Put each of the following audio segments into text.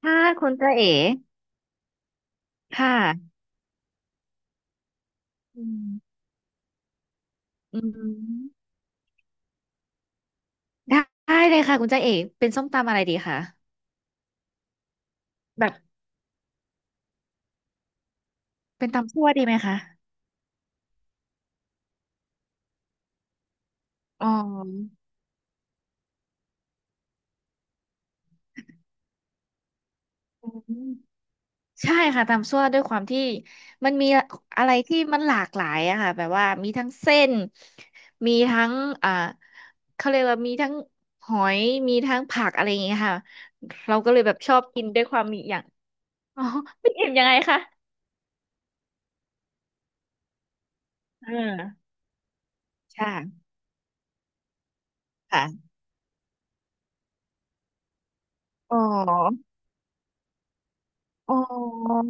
ค่ะคุณจ้าเอ๋ค่ะอืมอืมได้ได้เลยค่ะคุณจ้าเอ๋เป็นส้มตำอะไรดีคะแบบเป็นตำซั่วดีไหมคะอ๋ออืมใช่ค่ะตำซั่วด้วยความที่มันมีอะไรที่มันหลากหลายอะค่ะแบบว่ามีทั้งเส้นมีทั้งอ่าเขาเรียกว่ามีทั้งหอยมีทั้งผักอะไรอย่างเงี้ยค่ะเราก็เลยแบบชอบกินด้วยความมีอย่าง อ๋อไม่อิ่มยังไงคะอ่าใช่ค่ะอ๋อ อ๋อ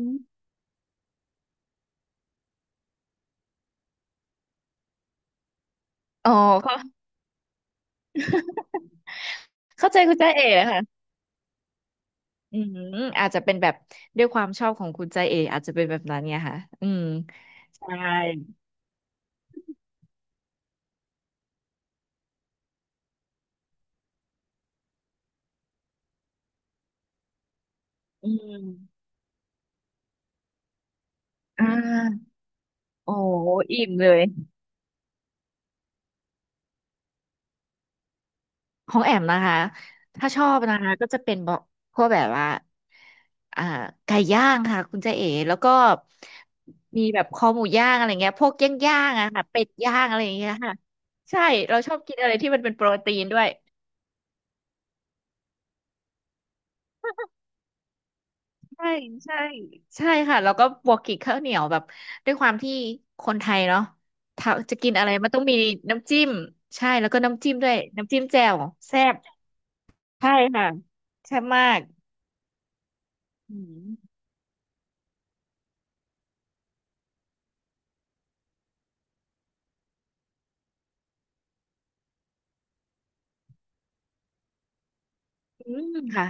อ๋อเข้าเข้าใจคุณใจเอ๋ค่ะอืมอาจจะเป็นแบบด้วยความชอบของคุณใจเอ๋อาจจะเป็นแบบนั้นเนี่ยค่ะอืมใช่อืมอ่าโอ้อิ่มเลยของแอมนะคะถ้าชอบนะคะก็จะเป็นบอกพวกแบบว่าอ่าไก่ย่างค่ะคุณใจเอ๋แล้วก็มีแบบคอหมูย่างอะไรเงี้ยพวกย่างย่างอะค่ะเป็ดย่างอะไรอย่างเงี้ยค่ะใช่ เราชอบกินอะไรที่มันเป็นโปรตีนด้วย ใช่ใช่ใช่ค่ะแล้วก็บวกกิ่งข้าวเหนียวแบบด้วยความที่คนไทยเนาะถ้าจะกินอะไรมันต้องมีน้ำจิ้มใช่แล้วก็น้ำจิ้มด้วยน้ำจิ้มแจ่วแซ่บใช่ค่ะแซ่บมากอืมอืมค่ะ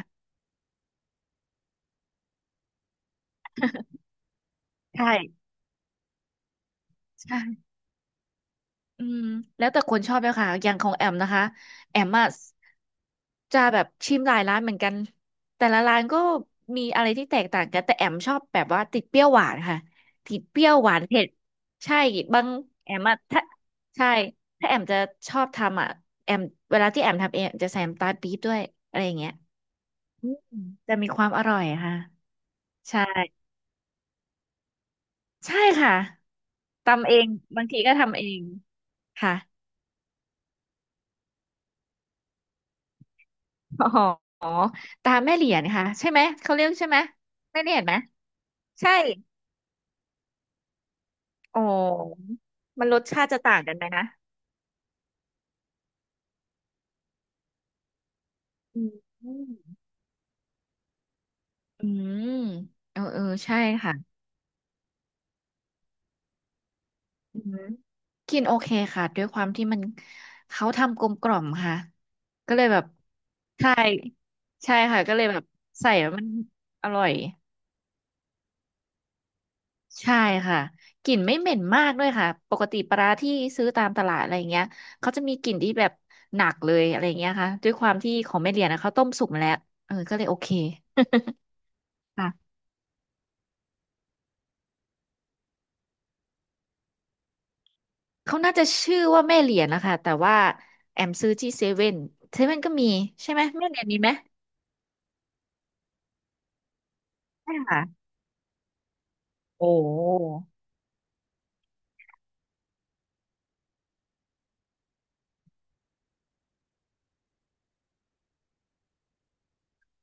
ใช่ใช่ อืมแล้วแต่คนชอบเลยค่ะอย่างของแอมนะคะแอมอะจะแบบชิมหลายร้านเหมือนกันแต่ละร้านก็มีอะไรที่แตกต่างกันแต่แอมชอบแบบว่าติดเปรี้ยวหวานค่ะติดเปรี้ยวหวานเผ็ดใช่บางแอมอะถ้าใช่ถ้าแอมจะชอบทำอะแอมเวลาที่แอมทำเองจะใส่น้ำตาลปี๊บด้วยอะไรอย่างเงี้ยอืมจะมีความอร่อยอะค่ะใช่ใช่ค่ะทำเองบางทีก็ทำเองค่ะ อ๋อตาแม่เหรียญค่ะใช่ไหมเขาเรียกใช่ไหมแม่เหรียญไหมใช่อ๋อมันรสชาติจะต่างกันไหมนะอืมอืมเออเออใช่ค่ะอืมกินโอเคค่ะด้วยความที่มันเขาทำกลมกล่อมค่ะก็เลยแบบใช่ใช่ค่ะก็เลยแบบใส่แล้วมันอร่อย ใช่ค่ะกลิ่นไม่เหม็นมากด้วยค่ะปกติปลาร้าที่ซื้อตามตลาดอะไรอย่างเงี้ยเขาจะมีกลิ่นที่แบบหนักเลยอะไรอย่างเงี้ยค่ะด้วยความที่ของแม่เหรียญนะเขาต้มสุกมาแล้วเออก็เลยโอเคค่ะเขาน่าจะชื่อว่าแม่เหรียญนะคะแต่ว่าแอมซื้อที่เซเว่นเซเว่นก็มีใช่ไหมแม่เหรียญมีไหมใช่ค่ะโอ้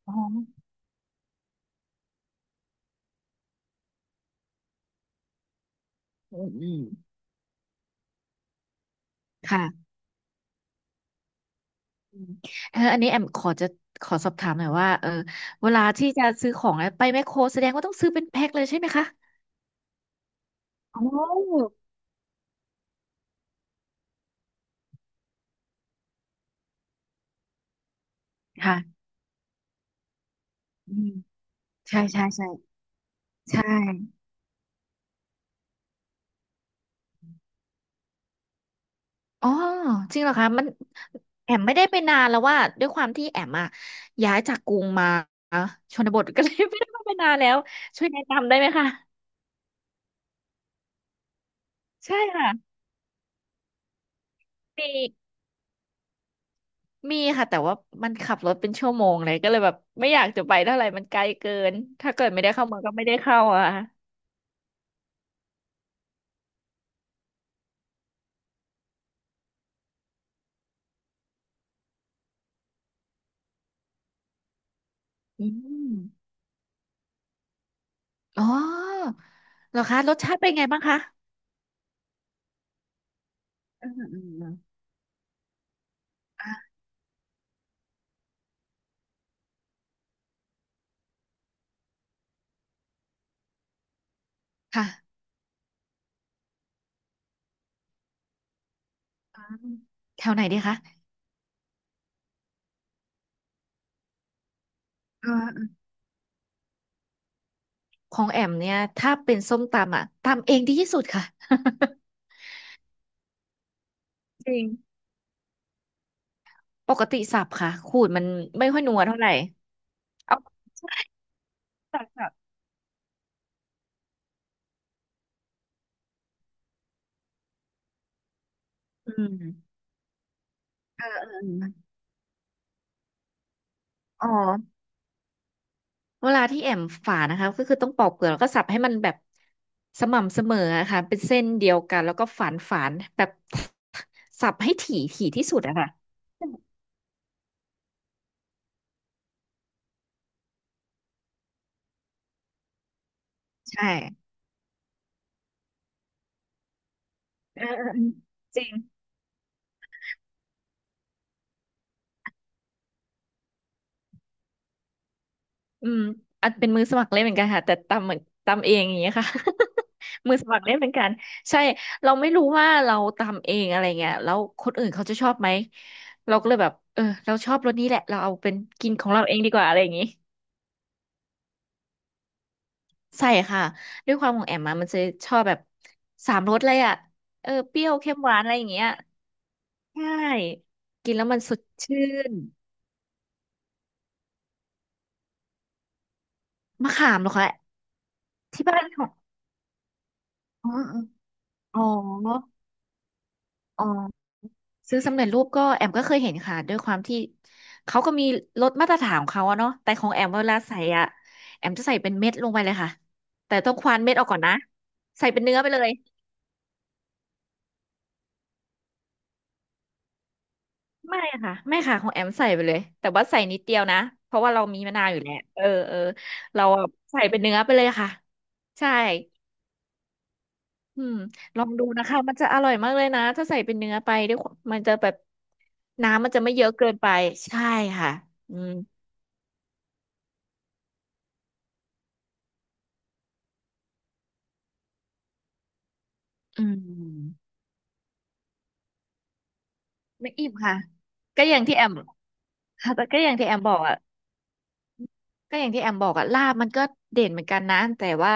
อ๋ออืมอืมค่ะอืมเอออันนี้แอมขอจะขอสอบถามหน่อยว่าเออเวลาที่จะซื้อของอะไปแมคโครแสดงว่าต้องซื้อเป็นแพ็คเลยใช่ไหมคะ อ๋อค่ะอืมใช่ใช่ใช่ใช่อ๋อจริงเหรอคะมันแอมไม่ได้ไปนานแล้วว่าด้วยความที่แอมอะย้ายจากกรุงมาชนบทก็เลยไม่ได้ไปนานแล้วช่วยแนะนำได้ไหมคะใช่ค่ะมีมีค่ะแต่ว่ามันขับรถเป็นชั่วโมงเลยก็เลยแบบไม่อยากจะไปเท่าไหร่มันไกลเกินถ้าเกิดไม่ได้เข้าเมืองก็ไม่ได้เข้าอะค่ะอืมอ๋อเหรอคะรสชาติเป็นไงบ้างคะอืมอืมอืมอ่ะค่ะ แถวไหนดีคะเออของแอมเนี่ยถ้าเป็นส้มตำอ่ะตำเองดีที่สุดค่ะ จริงปกติสับค่ะขูดมันไม่ค่อยนัวเท่าไหร่เอาจากแบสับอืมเออเออเอออ๋อเวลาที่แอมฝานะคะก็คือต้องปอกเปลือกแล้วก็สับให้มันแบบสม่ำเสมออะค่ะเป็นเส้นเดียวกันแล้วก็ฝานฝานแบบ สับให้ถี่ถี่ที่สุดอะค่ะใช่เออเออเออจริง อืมอัจเป็นมือสมัครเล่นเหมือนกันค่ะแต่ตำเหมือนตำเองอย่างเงี้ยค่ะ มือสมัครเล่นเหมือนกันใช่เราไม่รู้ว่าเราตำเองอะไรเงี้ยแล้วคนอื่นเขาจะชอบไหมเราก็เลยแบบเออเราชอบรสนี้แหละเราเอาเป็นกินของเราเองดีกว่าอะไรอย่างงี้ใช่ค่ะด้วยความของแอมมามันจะชอบแบบสามรสเลยอ่ะเออเปรี้ยวเค็มหวานอะไรอย่างเงี้ยใช่กินแล้วมันสดชื่นมะขามเหรอคะที่บ้านของอ๋ออ๋ออ๋อ ซื้อสำเร็จรูปก็แอมก็เคยเห็นค่ะด้วยความที่เขาก็มีรสมาตรฐานของเขาอะเนาะแต่ของแอมเวลาใส่อะแอมจะใส่เป็นเม็ดลงไปเลยค่ะแต่ต้องควานเม็ดออกก่อนนะใส่เป็นเนื้อไปเลยไม่ค่ะไม่ค่ะของแอมใส่ไปเลยแต่ว่าใส่นิดเดียวนะเพราะว่าเรามีมะนาวอยู่แล้วเออเออเราอะใส่เป็นเนื้อไปเลยค่ะใช่อืมลองดูนะคะมันจะอร่อยมากเลยนะถ้าใส่เป็นเนื้อไปด้วยความมันจะแบบน้ำมันจะไม่เยอะเกินไปใช่ค่ะอืมอืม ไม่อิ่มค่ะก็อย่างที่แอม ค่ะแต่ก็อย่างที่แอมบอกอ่ะก็อย่างที่แอมบอกอ่ะลาบมันก็เด่นเหมือนกันนะแต่ว่า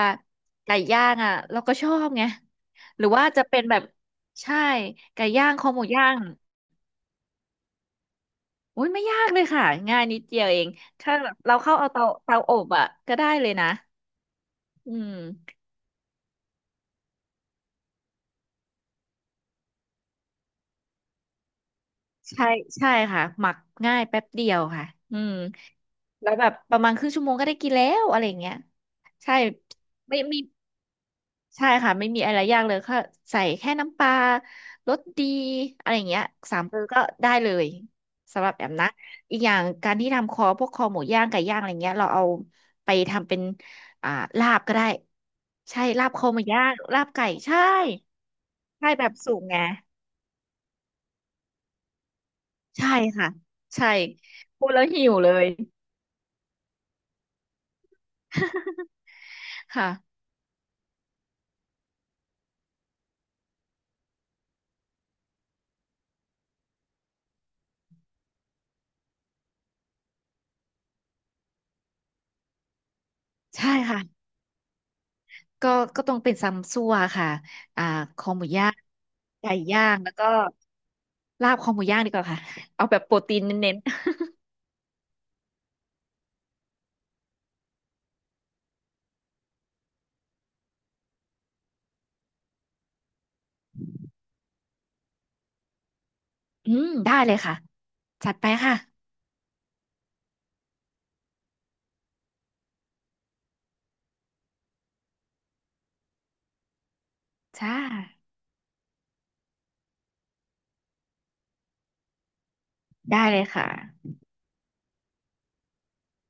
ไก่ย่างอ่ะเราก็ชอบไงหรือว่าจะเป็นแบบใช่ไก่ย่างคอหมูย่างโอ้ยไม่ยากเลยค่ะง่ายนิดเดียวเองถ้าแบบเราเข้าเอาเตาเตาอบอ่ะก็ได้เลยนะอืมใช่ใช่ค่ะหมักง่ายแป๊บเดียวค่ะอืมแล้วแบบประมาณครึ่งชั่วโมงก็ได้กินแล้วอะไรอย่างเงี้ยใช่ไม่มี ใช่ค่ะไม่มีอะไรยากเลยค่ะใส่แค่น้ำปลารสดีอะไรอย่างเงี้ยสามเกลือก็ได้เลยสำหรับแอมนะอีกอย่างการที่ทำคอพวกคอหมูย่างไก่ย่างอะไรเงี้ยเราเอาไปทำเป็นอ่าลาบก็ได้ใช่ลาบคอหมูย่างลาบไก่ใช่ใช่แบบสุกไงใช่ค่ะใช่พูดแล้วหิวเลย ค่ะใช่ค่ะก็ก็ต้องเป็นซัมซั่วค่ะอ่าคอหมูย่างไก่ย่างแล้วก็ ลาบคอหมูย่างดีกว่าค่ะ เอาแบบโปรตีนเน้นๆอืมได้เลยค่ะ จัดไปค่ะจ้าได้เลยค่ะ